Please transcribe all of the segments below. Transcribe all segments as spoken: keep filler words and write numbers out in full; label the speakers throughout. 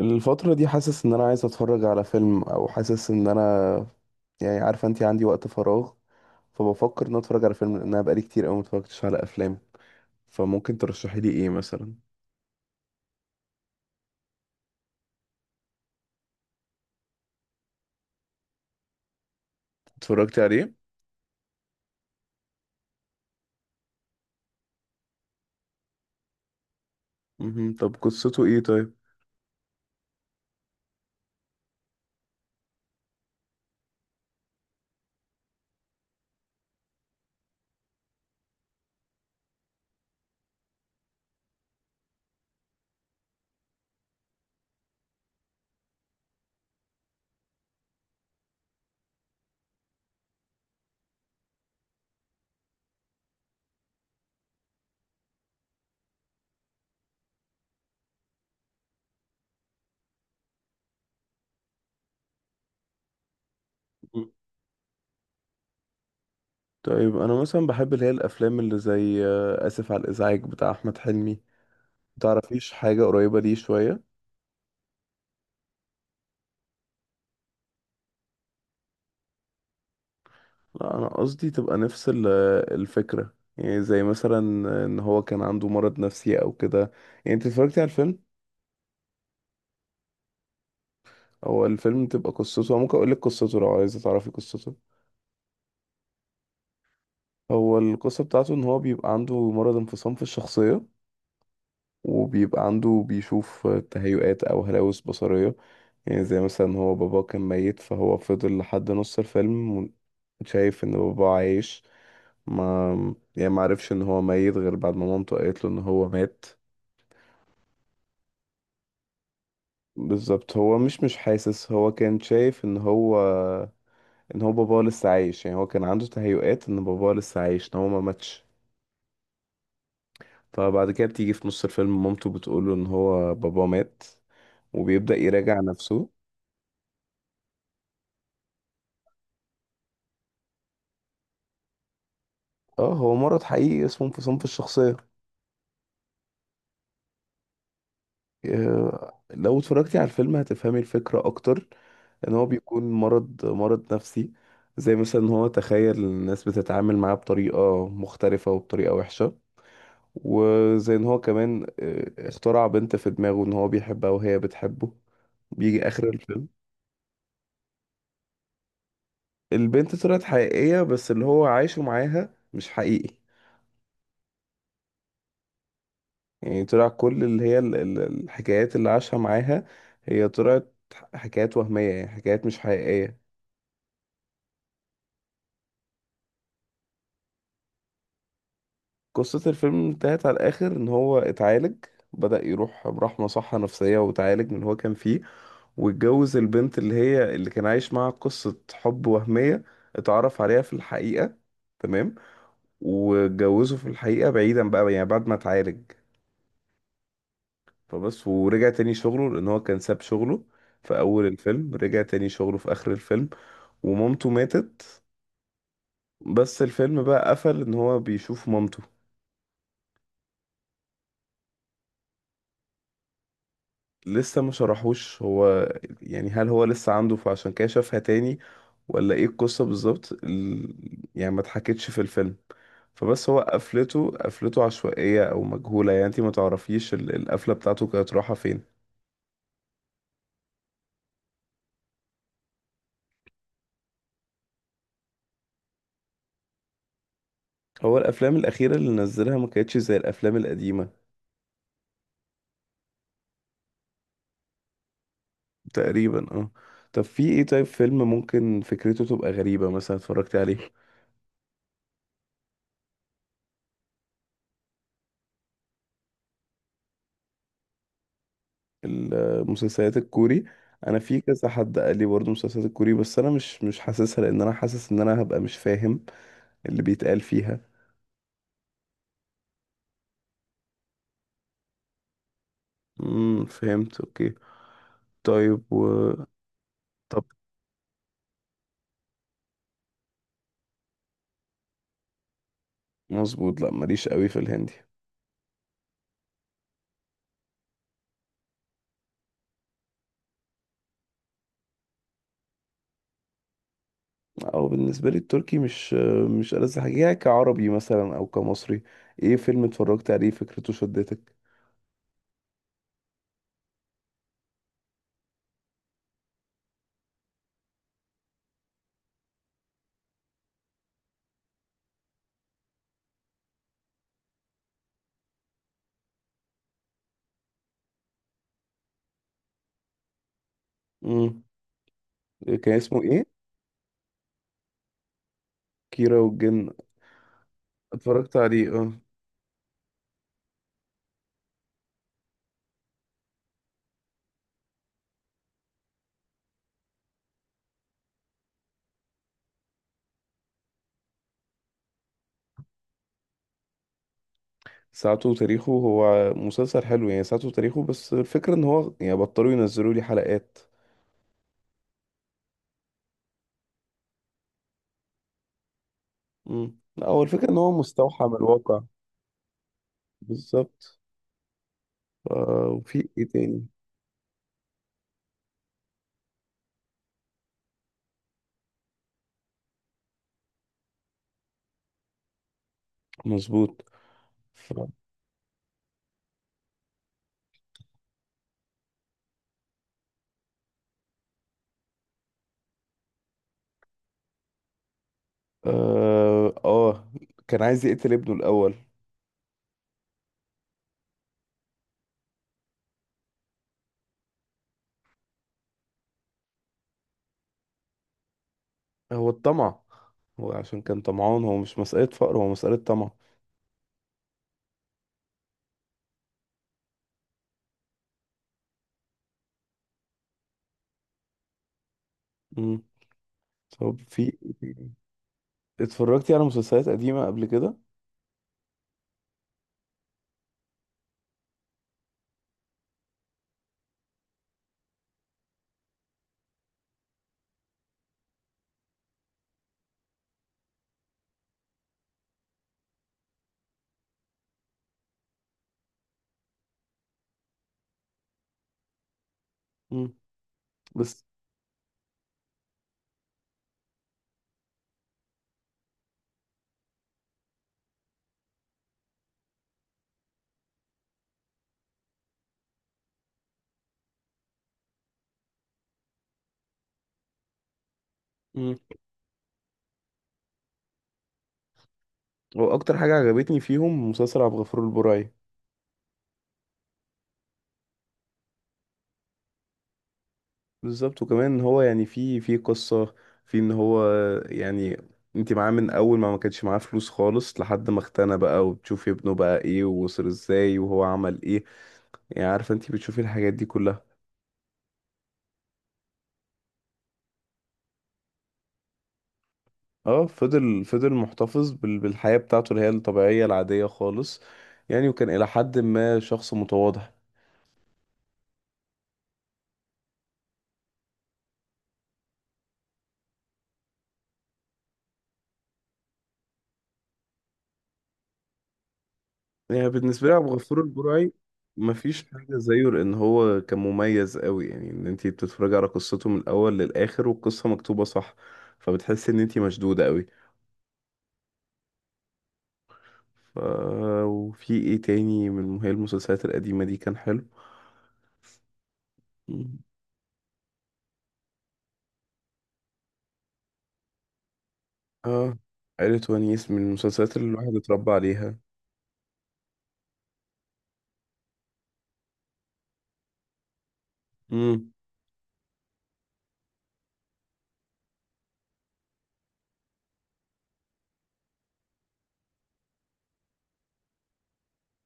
Speaker 1: الفترة دي حاسس ان انا عايز اتفرج على فيلم او حاسس ان انا، يعني عارفة انتي عندي وقت فراغ، فبفكر ان أنا اتفرج على فيلم لان انا بقالي كتير قوي متفرجتش على افلام. فممكن ترشحي لي ايه مثلا؟ اتفرجتي عليه؟ مهم. طب قصته ايه طيب؟ مم. طيب انا مثلا بحب اللي هي الافلام اللي زي آه، اسف على الازعاج بتاع احمد حلمي. متعرفيش حاجة قريبة ليه شوية؟ لا انا قصدي تبقى نفس ال- الفكرة، يعني زي مثلا ان هو كان عنده مرض نفسي او كده. يعني انت اتفرجتي على الفيلم؟ هو الفيلم بتبقى قصته، ممكن اقول لك قصته لو عايزه تعرفي قصته. هو القصه بتاعته ان هو بيبقى عنده مرض انفصام في الشخصيه، وبيبقى عنده بيشوف تهيؤات او هلاوس بصريه. يعني زي مثلا هو باباه كان ميت، فهو فضل لحد نص الفيلم شايف ان باباه عايش. ما يعني ما عرفش ان هو ميت غير بعد ما مامته قالت له ان هو مات. بالظبط، هو مش مش حاسس، هو كان شايف ان هو، ان هو باباه لسه عايش. يعني هو كان عنده تهيؤات ان باباه لسه عايش، ان هو ما ماتش. فبعد كده بتيجي في نص الفيلم مامته بتقوله ان هو باباه مات، وبيبدأ يراجع نفسه. اه هو مرض حقيقي اسمه انفصام في الشخصية. آه، لو اتفرجتي على الفيلم هتفهمي الفكرة اكتر. ان هو بيكون مرض مرض نفسي، زي مثلا ان هو تخيل الناس بتتعامل معاه بطريقة مختلفة وبطريقة وحشة، وزي ان هو كمان آه، اخترع بنت في دماغه ان هو بيحبها وهي بتحبه. بيجي اخر الفيلم، البنت طلعت حقيقية بس اللي هو عايشه معاها مش حقيقي. يعني طلع كل اللي هي ال- ال- الحكايات اللي عاشها معاها، هي طلعت ح- حكايات وهمية، يعني حكايات مش حقيقية. قصة الفيلم انتهت على الآخر إن هو اتعالج، بدأ يروح راح مصحة نفسية واتعالج من اللي هو كان فيه، واتجوز البنت اللي هي اللي كان عايش معاها قصة حب وهمية، اتعرف عليها في الحقيقة. تمام. واتجوزه في الحقيقة بعيدا بقى، يعني بعد ما اتعالج. فبس ورجع تاني شغله، لان هو كان ساب شغله في اول الفيلم، رجع تاني شغله في اخر الفيلم. ومامته ماتت، بس الفيلم بقى قفل ان هو بيشوف مامته. لسه ما شرحوش هو، يعني هل هو لسه عنده فعشان كده شافها تاني، ولا ايه القصة بالظبط؟ ال- يعني ما اتحكتش في الفيلم. فبس هو قفلته قفلته عشوائية او مجهولة، يعني انت ما تعرفيش ال- القفلة بتاعته كانت رايحة فين. هو الافلام الاخيرة اللي نزلها ما كانتش زي الافلام القديمة. تقريبا اه. طب في ايه طيب فيلم ممكن فكرته تبقى غريبة مثلا اتفرجت عليه؟ المسلسلات الكوري، انا في كذا حد قال لي برضه مسلسلات الكوري، بس انا مش مش حاسسها، لان انا حاسس ان انا هبقى مش فاهم اللي بيتقال فيها. امم، فهمت، اوكي. طيب و، طب مظبوط، لا ماليش قوي في الهندي. او بالنسبة لي التركي مش مش ألذ حاجة، يعني كعربي مثلا او كمصري. ايه فيلم اتفرجت عليه فكرته شدتك؟ امم، كان اسمه ايه؟ كيرة والجن؟ اتفرجت عليه اه. ساعته وتاريخه هو مسلسل حلو، يعني ساعته وتاريخه، بس الفكرة ان هو يعني بطلوا ينزلوا لي حلقات. امم، لا هو الفكرة ان هو مستوحى من الواقع. بالظبط. آه وفي ايه تاني؟ مظبوط. ف... اه، آه، كان عايز يقتل ابنه الاول. هو الطمع، هو عشان كان طمعان، هو مش مسألة فقر، هو مسألة طمع. امم. طب في إيه تاني؟ اتفرجتي على مسلسلات قديمة قبل كده؟ امم. بس. واكتر حاجه عجبتني فيهم مسلسل عبد الغفور البرعي. بالظبط، وكمان ان هو يعني في في قصه، في ان هو يعني انت معاه من اول ما ما كانش معاه فلوس خالص لحد ما اغتنى بقى، وبتشوفي ابنه بقى ايه ووصل ازاي وهو عمل ايه. يعني عارفه انت بتشوفي الحاجات دي كلها. اه فضل فضل محتفظ بال- بالحياه بتاعته اللي هي الطبيعيه العاديه خالص. يعني وكان الى حد ما شخص متواضع. يعني بالنسبة لي عبد الغفور البرعي مفيش حاجة زيه، لأن هو كان مميز قوي، يعني إن أنتي بتتفرجي على قصته من الأول للآخر والقصة مكتوبة صح، فبتحسي إن أنتي مشدودة قوي. ف... وفي إيه تاني من هي المسلسلات القديمة دي كان حلو؟ مم. آه، عائلة ونيس من المسلسلات اللي الواحد اتربى عليها. مم.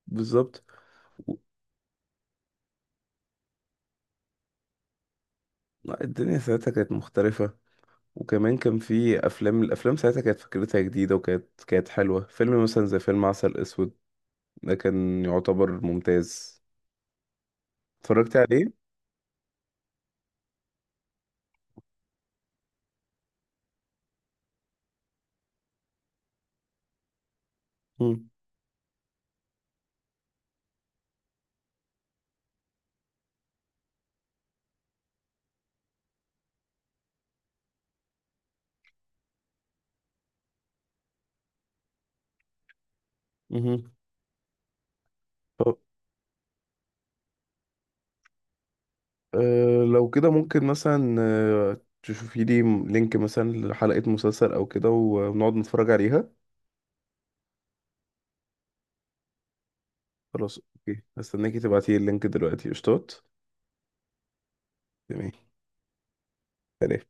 Speaker 1: بالظبط. و... لا الدنيا ساعتها كانت مختلفة، وكمان كان في أفلام. الأفلام ساعتها كانت فكرتها جديدة وكانت كانت حلوة. فيلم مثلا زي فيلم عسل أسود، ده كان يعتبر ممتاز. اتفرجت عليه؟ مم. مهم. طب أه لو كده ممكن مثلا أه تشوفي لي م- لينك مثلا لحلقة مسلسل او كده، ونقعد نتفرج عليها. خلاص اوكي، هستناكي تبعتي اللينك دلوقتي، قشطات. تمام. سلام.